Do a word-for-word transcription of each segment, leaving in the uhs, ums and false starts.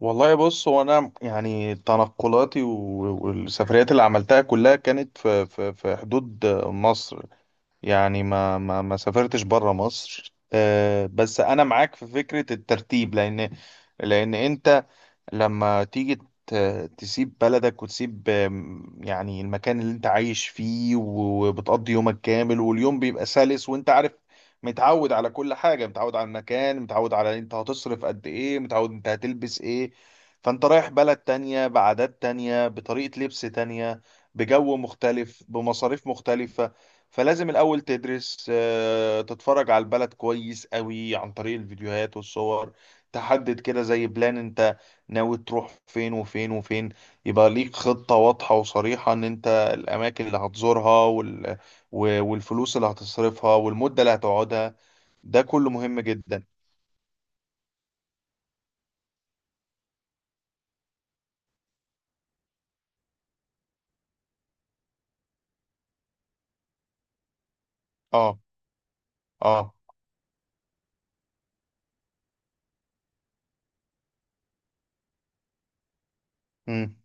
والله بص هو انا يعني تنقلاتي و- والسفريات اللي عملتها كلها كانت في في في حدود مصر. يعني ما ما ما سافرتش بره مصر، آه، بس انا معاك في فكرة الترتيب لان لان انت لما تيجي ت- تسيب بلدك وتسيب، آم، يعني المكان اللي انت عايش فيه وبتقضي يومك كامل واليوم بيبقى سلس وانت عارف، متعود على كل حاجة، متعود على المكان، متعود على انت هتصرف قد ايه، متعود انت هتلبس ايه. فانت رايح بلد تانية بعادات تانية بطريقة لبس تانية بجو مختلف بمصاريف مختلفة. فلازم الأول تدرس، آه، تتفرج على البلد كويس قوي عن طريق الفيديوهات والصور. تحدد كده زي بلان انت ناوي تروح فين وفين وفين. يبقى ليك خطة واضحة وصريحة ان انت الأماكن اللي هتزورها وال... و- والفلوس اللي هتصرفها والمدة اللي هتقعدها. ده كله مهم جدا. اه، اه. مم.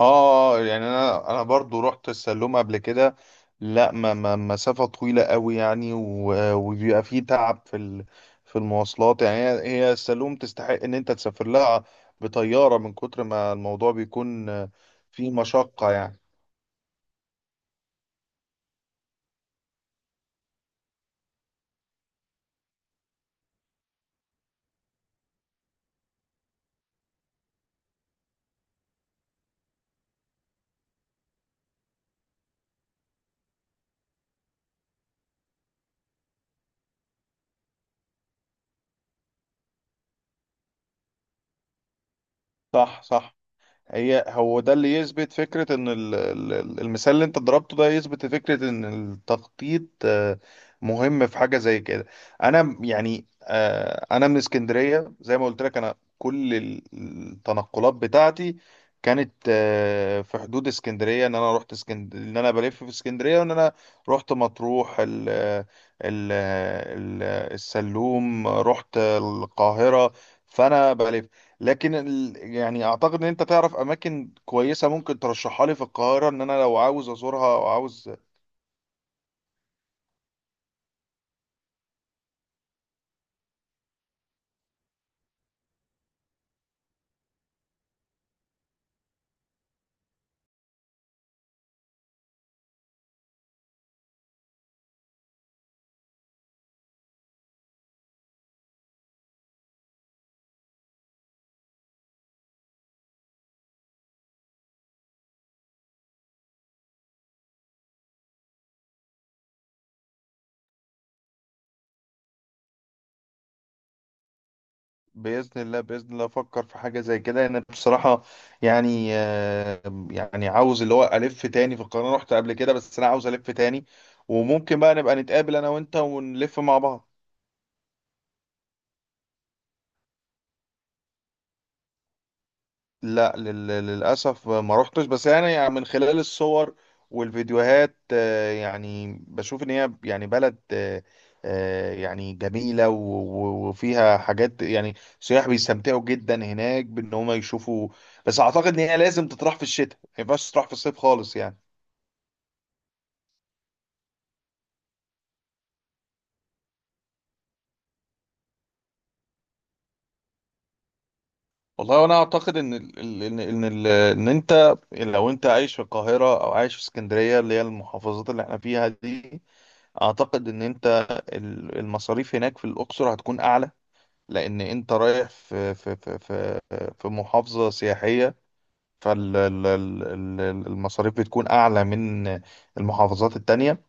اه، يعني انا انا برضو رحت السلوم قبل كده. لا، ما ما مسافة طويلة قوي يعني، و- وبيبقى فيه تعب في ال- في المواصلات. يعني هي هي السلوم تستحق ان انت تسافر لها بطيارة من كتر ما الموضوع بيكون، آه، فيه مشقة يعني. صح، صح. هي هو ده اللي يثبت فكرة ان ال- ال- ال- المثال اللي انت ضربته ده يثبت فكرة ان التخطيط، آه، مهم في حاجة زي كده. انا م- يعني، آه، انا من اسكندرية زي ما قلت لك. انا كل ال- التنقلات بتاعتي كانت، آه، في حدود اسكندرية. ان انا رحت اسكندرية، ان انا بلف في اسكندرية، وان انا رحت مطروح ال ال ال- السلوم، رحت القاهرة، فانا بلف. لكن ال... يعني اعتقد ان انت تعرف اماكن كويسه ممكن ترشحها لي في القاهره ان انا لو عاوز ازورها او عاوز. باذن الله، باذن الله افكر في حاجه زي كده. انا بصراحه، يعني، آه، يعني عاوز اللي هو الف تاني في القاهره. أنا رحت قبل كده بس انا عاوز الف تاني. وممكن بقى نبقى نتقابل انا وانت ونلف مع بعض. لا، لل- للأسف ما روحتش، بس يعني من خلال الصور والفيديوهات، آه، يعني بشوف إن هي يعني بلد، آه، آه، يعني جميلة و- و- وفيها حاجات يعني سياح بيستمتعوا جدا هناك بإن هم يشوفوا. بس أعتقد إن هي لازم تطرح في الشتاء، ما ينفعش تطرح في الصيف خالص يعني. والله وأنا أعتقد إن ال- ال- إن إن ال- إن أنت، لو أنت عايش في القاهرة أو عايش في اسكندرية اللي هي المحافظات اللي إحنا فيها دي، اعتقد ان انت ال- المصاريف هناك في الاقصر هتكون اعلى. لان انت رايح في في في في في محافظه سياحيه، فالمصاريف بتكون اعلى من المحافظات التانية.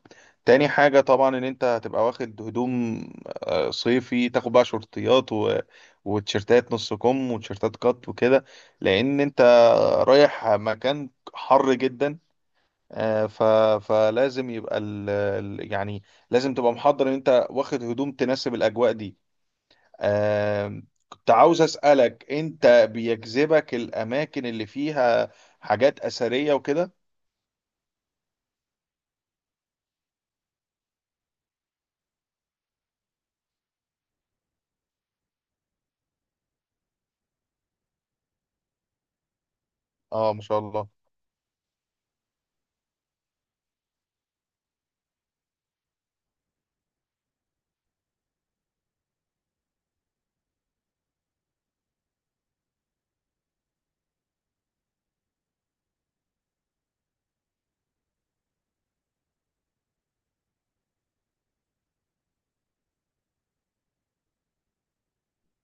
تاني حاجه طبعا ان انت هتبقى واخد هدوم، آه، صيفي. تاخد بقى شورتيات و- وتيشيرتات نص كم وتيشيرتات قط وكده، لان انت رايح مكان حر جدا، آه، ف... فلازم يبقى ال... ال- يعني لازم تبقى محضر ان انت واخد هدوم تناسب الاجواء دي. آه، كنت عاوز اسالك انت بيجذبك الاماكن اللي فيها حاجات اثريه وكده؟ اه، ما شاء الله.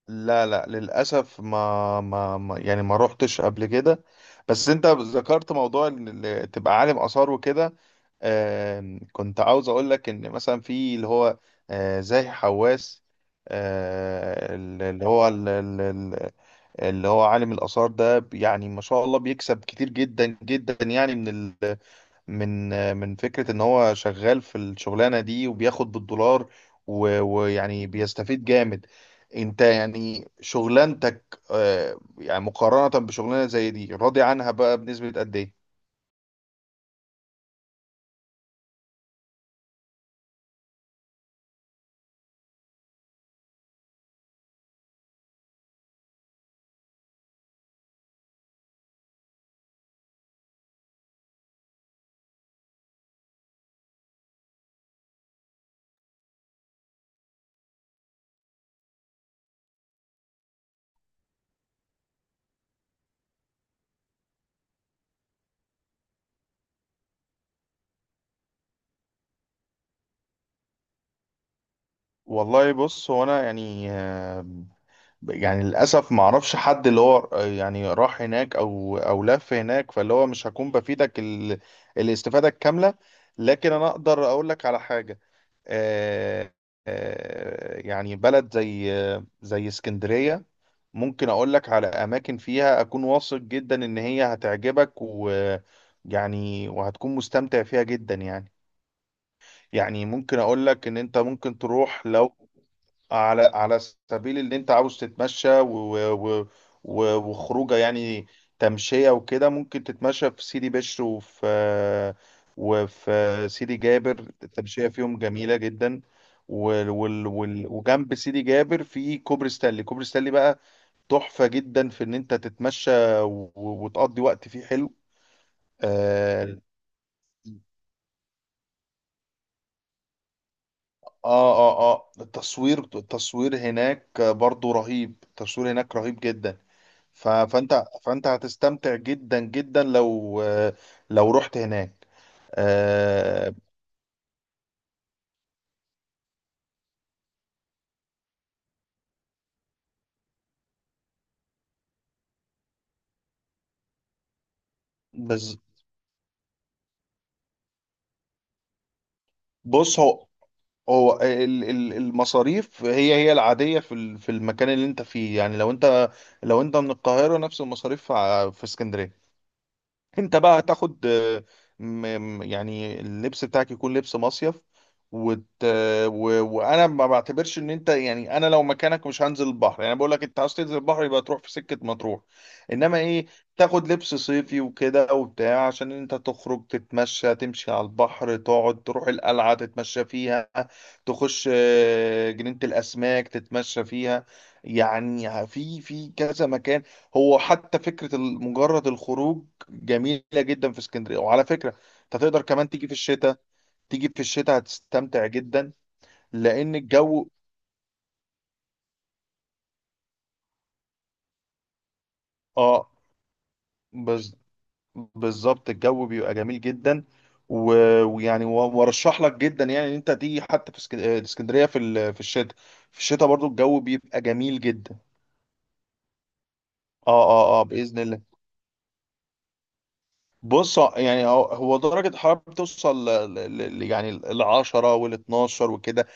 لا، لا، للاسف ما ما ما- يعني ما روحتش قبل كده. بس انت ذكرت موضوع ان ال- تبقى عالم اثار وكده. آم، كنت عاوز اقول لك ان مثلا في اللي هو، آه، زاهي حواس، آه، اللي هو ال- ال- ال- اللي هو عالم الآثار ده ب- يعني ما شاء الله بيكسب كتير جدا جدا يعني من ال من، آه، من فكرة ان هو شغال في الشغلانة دي وبياخد بالدولار. و- ويعني بيستفيد جامد. انت يعني شغلانتك، آه، يعني مقارنة بشغلانة زي دي راضي عنها بقى بنسبة قد ايه؟ والله، بص، هو انا يعني، يعني للأسف ما اعرفش حد اللي هو يعني راح هناك أو أو لف هناك، فاللي هو مش هكون بفيدك ال... الاستفادة الكاملة. لكن أنا أقدر أقول لك على حاجة. آه... آه... يعني بلد زي زي اسكندرية ممكن أقول لك على أماكن فيها أكون واثق جدا إن هي هتعجبك، و يعني وهتكون مستمتع فيها جدا يعني. يعني ممكن أقول لك إن أنت ممكن تروح لو على، على سبيل اللي انت عاوز تتمشى و و و وخروجه يعني، تمشية وكده، ممكن تتمشى في سيدي بشر وفي، وفي سيدي جابر. التمشية فيهم جميلة جدا. وال وال وال وجنب سيدي جابر في كوبري ستانلي. كوبري ستانلي بقى تحفة جدا في ان انت تتمشى، و- وتقضي وقت فيه حلو. اه، اه، اه، آه. التصوير التصوير هناك برضو رهيب. التصوير هناك رهيب جدا. ف- فانت فانت هتستمتع جدا جدا لو، لو رحت هناك، آه. بس بص، هو هو ال- ال- المصاريف هي هي العادية في ال- في المكان اللي انت فيه. يعني لو انت، لو انت من القاهرة نفس المصاريف ع- في اسكندرية. انت بقى هتاخد، آه، م- م- يعني اللبس بتاعك يكون لبس مصيف وت... و... وانا ما بعتبرش ان انت يعني، انا لو مكانك مش هنزل البحر. يعني بقول لك، انت عاوز تنزل البحر يبقى تروح في سكة مطروح. انما ايه، تاخد لبس صيفي وكده وبتاع عشان انت تخرج تتمشى، تمشي على البحر، تقعد، تروح القلعة تتمشى فيها، تخش، آه، جنينة الاسماك تتمشى فيها. يعني في في كذا مكان. هو حتى فكرة ال- مجرد الخروج جميله جدا في اسكندريه. وعلى فكره، انت تقدر كمان تيجي في الشتاء. تيجي في الشتاء هتستمتع جدا لان الجو اه. بز... بالظبط، الجو بيبقى جميل جدا، و... ويعني و- وارشح لك جدا يعني ان انت تيجي حتى في اسك- آه، اسكندريه في ال... في الشتاء. في الشتاء برضو الجو بيبقى جميل جدا. اه، اه، اه، باذن الله. بص يعني هو هو درجه الحراره بتوصل ل... ل... ل- يعني ال عشرة وال اتناشر وكده.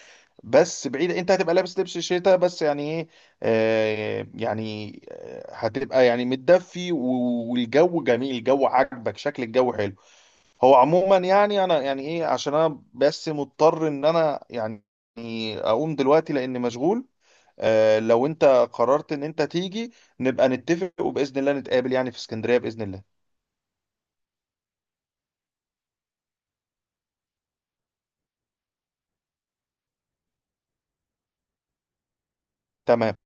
بس بعيد انت هتبقى لابس لبس الشتاء. بس يعني ايه، آه، يعني، آه، هتبقى يعني متدفي، و- والجو جميل، الجو عاجبك، شكل الجو حلو. هو عموما يعني، انا يعني ايه، عشان انا بس مضطر ان انا يعني اقوم دلوقتي لان مشغول. آه، لو انت قررت ان انت تيجي نبقى نتفق وباذن الله نتقابل يعني في اسكندرية باذن الله. تمام.